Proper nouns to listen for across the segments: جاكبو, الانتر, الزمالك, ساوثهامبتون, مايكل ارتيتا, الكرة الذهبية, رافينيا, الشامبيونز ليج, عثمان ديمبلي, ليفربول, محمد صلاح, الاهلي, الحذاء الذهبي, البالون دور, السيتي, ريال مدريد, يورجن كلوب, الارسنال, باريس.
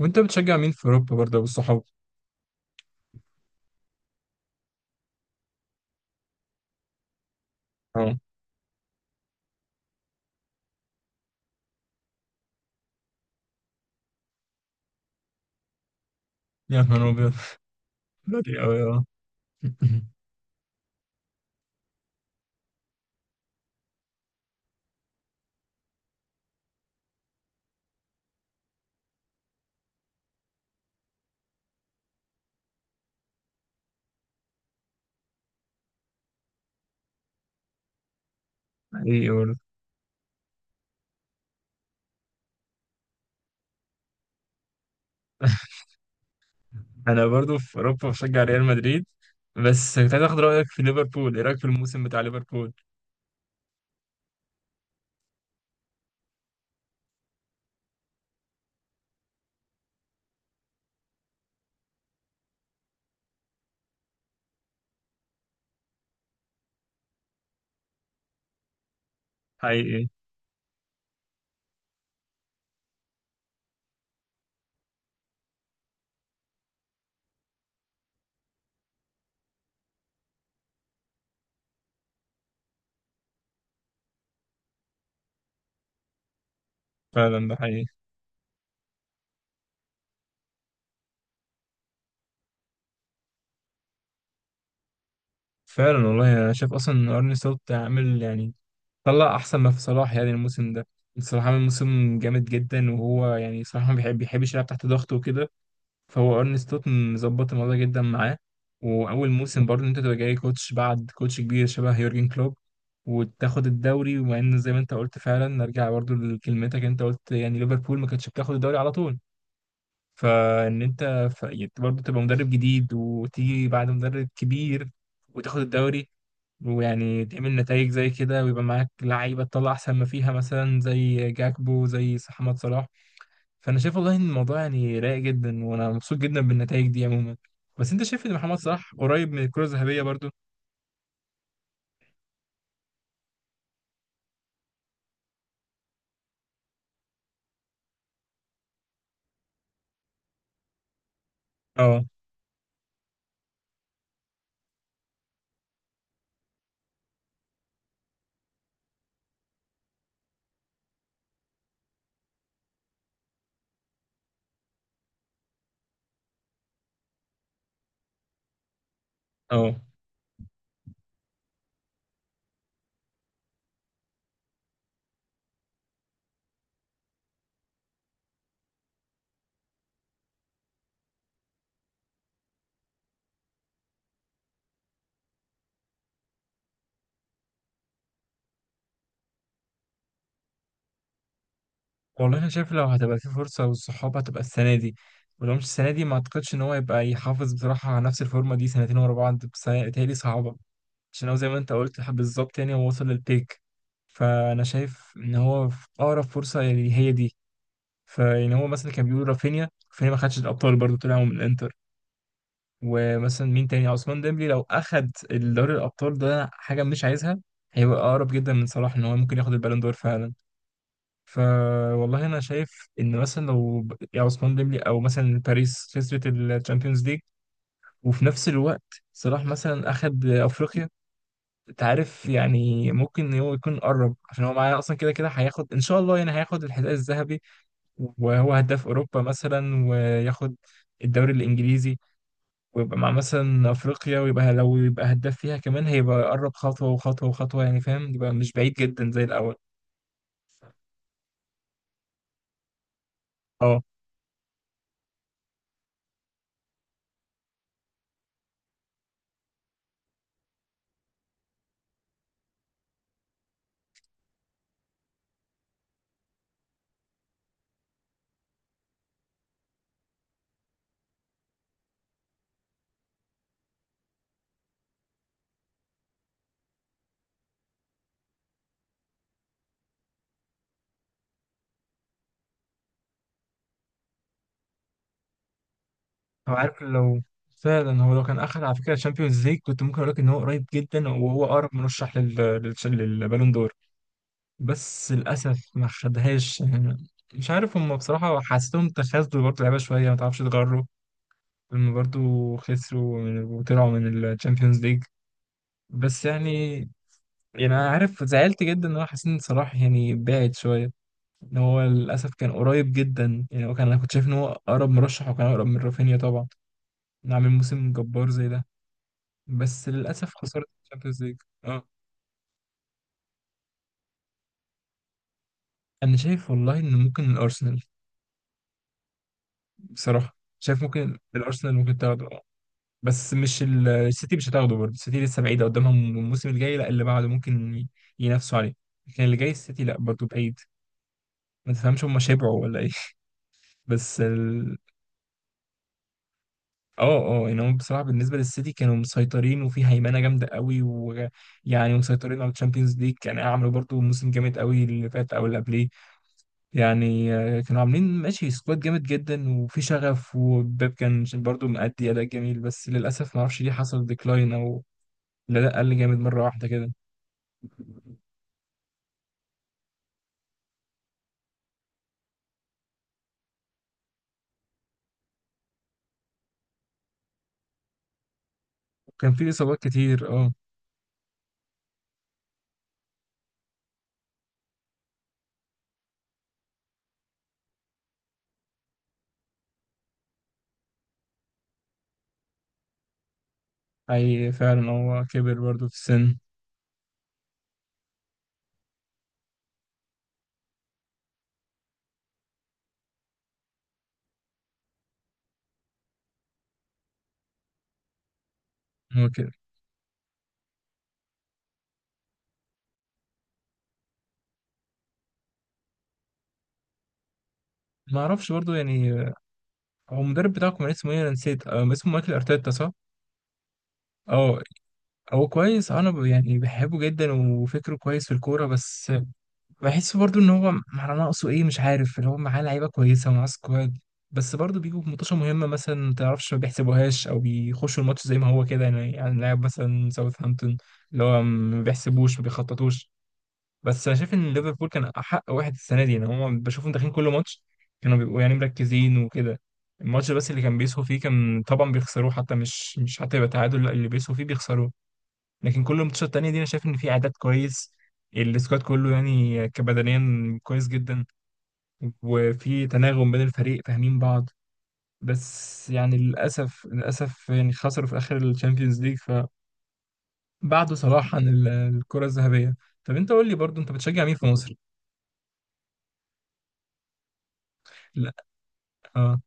وانت بتشجع مين في اوروبا برضه والصحاب؟ اه. يا نهار ابيض. بلادي قوي اه. ايه برضه. انا برضه في اوروبا بشجع ريال مدريد، بس كنت عايز اخد رايك في ليفربول. ايه رايك في الموسم بتاع ليفربول؟ حقيقي. فعلا ده حقيقي. فعلا والله انا شايف اصلا ان ارني سلوت عامل، يعني طلع احسن ما في صلاح يعني الموسم ده. صلاح عامل موسم جامد جدا، وهو يعني صلاح ما بيحبش يلعب تحت ضغط وكده، فهو ارني ستوتن ظبط الموضوع ده جدا معاه. واول موسم برضه إن انت تبقى جاي كوتش بعد كوتش كبير شبه يورجن كلوب وتاخد الدوري، ومع ان زي ما انت قلت فعلا، نرجع برضه لكلمتك، انت قلت يعني ليفربول ما كانتش بتاخد الدوري على طول، فان انت يعني برضه تبقى مدرب جديد وتيجي بعد مدرب كبير وتاخد الدوري، ويعني تعمل نتائج زي كده، ويبقى معاك لعيبه تطلع احسن ما فيها، مثلا زي جاكبو، زي محمد صلاح. فانا شايف والله ان الموضوع يعني رايق جدا، وانا مبسوط جدا بالنتائج دي عموما. بس انت شايف ان محمد صلاح قريب من الكره الذهبيه برضو؟ اه. اه، والله انا شايف لو هتبقى في فرصه والصحاب هتبقى السنه دي، ولو مش السنه دي ما اعتقدش ان هو يبقى يحافظ بصراحه على نفس الفورمه دي سنتين ورا بعض، بس بتهيألي صعبه، عشان هو زي ما انت قلت بالظبط يعني هو وصل للبيك. فانا شايف ان هو في اقرب فرصه يعني هي دي. فيعني هو مثلا كان بيقول رافينيا ما خدش الابطال برضو، طلع من الانتر. ومثلا مين تاني، عثمان ديمبلي، لو اخد دوري الابطال ده حاجه مش عايزها، هيبقى اقرب جدا من صلاح ان هو ممكن ياخد البالون دور فعلا. فوالله انا شايف ان مثلا لو يا عثمان ديمبلي او مثلا باريس خسرت الشامبيونز ليج، وفي نفس الوقت صلاح مثلا اخد افريقيا، انت عارف يعني ممكن هو يكون قرب، عشان هو معاه اصلا كده كده هياخد ان شاء الله، يعني هياخد الحذاء الذهبي وهو هداف اوروبا مثلا، وياخد الدوري الانجليزي، ويبقى مع مثلا افريقيا، ويبقى لو يبقى هداف فيها كمان، هيبقى يقرب خطوه وخطوه وخطوه، يعني فاهم، يبقى مش بعيد جدا زي الاول. اه. هو عارف لو فعلا هو لو كان اخد على فكره الشامبيونز ليج، كنت ممكن اقول لك ان هو قريب جدا، وهو اقرب مرشح للبالون دور، بس للاسف ما خدهاش يعني. مش عارف، هم بصراحه حسيتهم تخاذلوا برضه لعيبه شويه، ما تعرفش تغروا هم برضه. خسروا وطلعوا من الشامبيونز ليج. بس يعني انا عارف زعلت جدا ان هو حسين صلاح يعني بعد شويه، ان هو للاسف كان قريب جدا، يعني هو كان انا كنت شايف ان هو اقرب مرشح، وكان اقرب من رافينيا طبعا، انه عامل موسم جبار زي ده. بس للاسف خسرت الشامبيونز ليج. اه. انا شايف والله ان ممكن الارسنال. بصراحه شايف ممكن الارسنال ممكن تاخده اه. بس مش السيتي مش هتاخده برضه. السيتي لسه بعيده قدامهم الموسم الجاي، لا اللي بعده ممكن ينافسوا عليه، لكن اللي جاي السيتي لا برضه بعيد. ما تفهمش هم شبعوا ولا ايه؟ بس اه ان هم بصراحه بالنسبه للسيتي كانوا مسيطرين، وفي هيمنه جامده قوي، ويعني مسيطرين على الشامبيونز ليج، يعني عملوا برضو موسم جامد قوي اللي فات او اللي قبليه. يعني كانوا عاملين ماشي سكواد جامد جدا، وفي شغف، وباب كان برضو مأدي اداء جميل، بس للاسف ما اعرفش ليه حصل ديكلاين، او الاداء قل جامد مره واحده كده. كان في اصابات كتير اه. اي فعلا هو كبر برضو في السن. هو كده. ما اعرفش برضو يعني هو المدرب بتاعكم كان اسمه ايه، انا نسيت، اسمه مايكل ارتيتا صح؟ اه هو كويس، انا يعني بحبه جدا وفكره كويس في الكوره، بس بحس برضو ان هو مع ناقصه ايه مش عارف، اللي هو معاه لعيبه كويسه ومعاه سكواد، بس برضو بيجوا في ماتشات مهمه مثلا ما تعرفش ما بيحسبوهاش، او بيخشوا الماتش زي ما هو كده يعني لاعب مثلا ساوثهامبتون اللي هو ما بيحسبوش ما بيخططوش. بس انا شايف ان ليفربول كان احق واحد السنه دي، يعني هم بشوفهم داخلين كل ماتش كانوا بيبقوا يعني مركزين وكده الماتش، بس اللي كان بيسهوا فيه كان طبعا بيخسروه، حتى مش مش حتى يبقى تعادل لا، اللي بيسهوا فيه بيخسروه. لكن كل الماتشات التانية دي انا شايف ان في اعداد كويس، السكواد كله يعني كبدنيا كويس جدا، وفي تناغم بين الفريق فاهمين بعض. بس يعني للاسف يعني خسروا في اخر الشامبيونز ليج، فبعدوا صلاح عن الكرة الذهبية. طب انت قول لي برضو، انت بتشجع مين في مصر؟ لا. اه.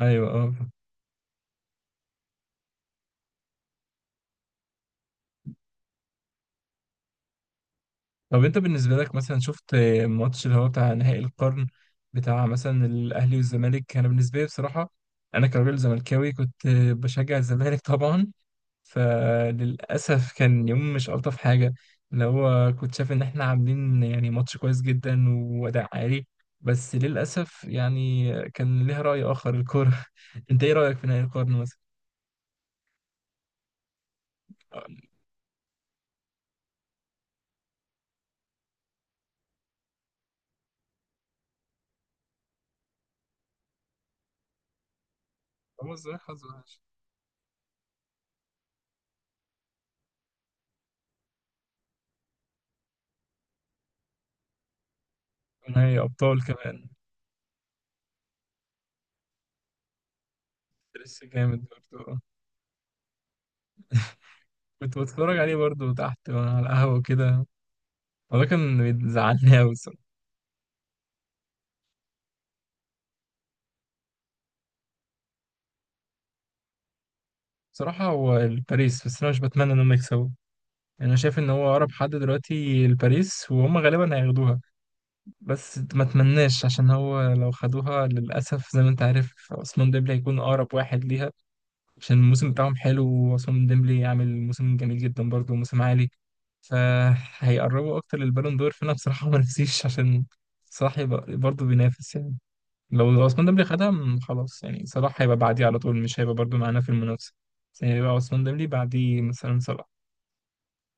ايوه اه. طب انت بالنسبة لك مثلا شفت ماتش اللي هو بتاع نهائي القرن، بتاع مثلا الاهلي والزمالك. انا بالنسبة لي بصراحة، انا كراجل زملكاوي كنت بشجع الزمالك طبعا، فللأسف كان يوم مش ألطف حاجة، اللي هو كنت شايف إن إحنا عاملين يعني ماتش كويس جدا وأداء عالي، بس للأسف يعني كان ليها رأي آخر الكورة. أنت إيه رأيك في نهائي القرن مثلا؟ هو إزاي حظ وحش؟ نهائي أبطال كمان. لسه جامد برضه. كنت بتفرج عليه برضه تحت وأنا على القهوة وكده، وده كان بيزعلني أوي الصراحة. بصراحة هو الباريس، بس أنا مش بتمنى إن هم يكسبوا. يعني أنا شايف إن هو أقرب حد دلوقتي الباريس، وهم غالبا هياخدوها، بس ما اتمناش عشان هو لو خدوها للأسف زي ما انت عارف عثمان ديمبلي هيكون أقرب واحد ليها، عشان الموسم بتاعهم حلو، وعثمان ديمبلي يعمل موسم جميل جدا برضه موسم عالي، فهيقربوا أكتر للبالون دور، فأنا بصراحة ما نفسيش عشان صلاح يبقى برضه بينافس يعني. لو عثمان ديمبلي خدها خلاص يعني صلاح هيبقى بعديه على طول، مش هيبقى برضه معانا في المنافسة، بس هيبقى عثمان ديمبلي بعديه مثلا صلاح.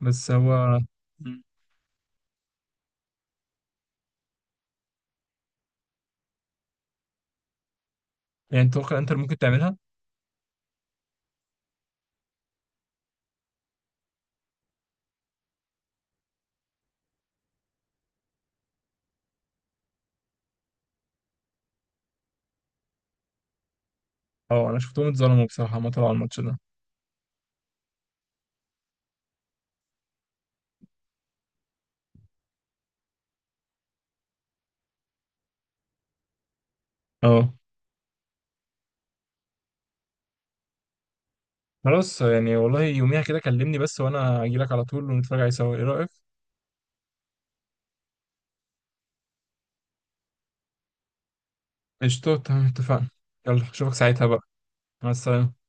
بس هو. م. يعني توقع انتر ممكن تعملها؟ اه انا شفتهم اتظلموا بصراحة ما طلعوا الماتش ده. اه، خلاص يعني، والله يوميها كده كلمني بس وانا اجي لك على طول ونتفرج عليه سوا، ايه رأيك؟ قشطة تمام، اتفقنا. يلا اشوفك ساعتها بقى. مع السلامة.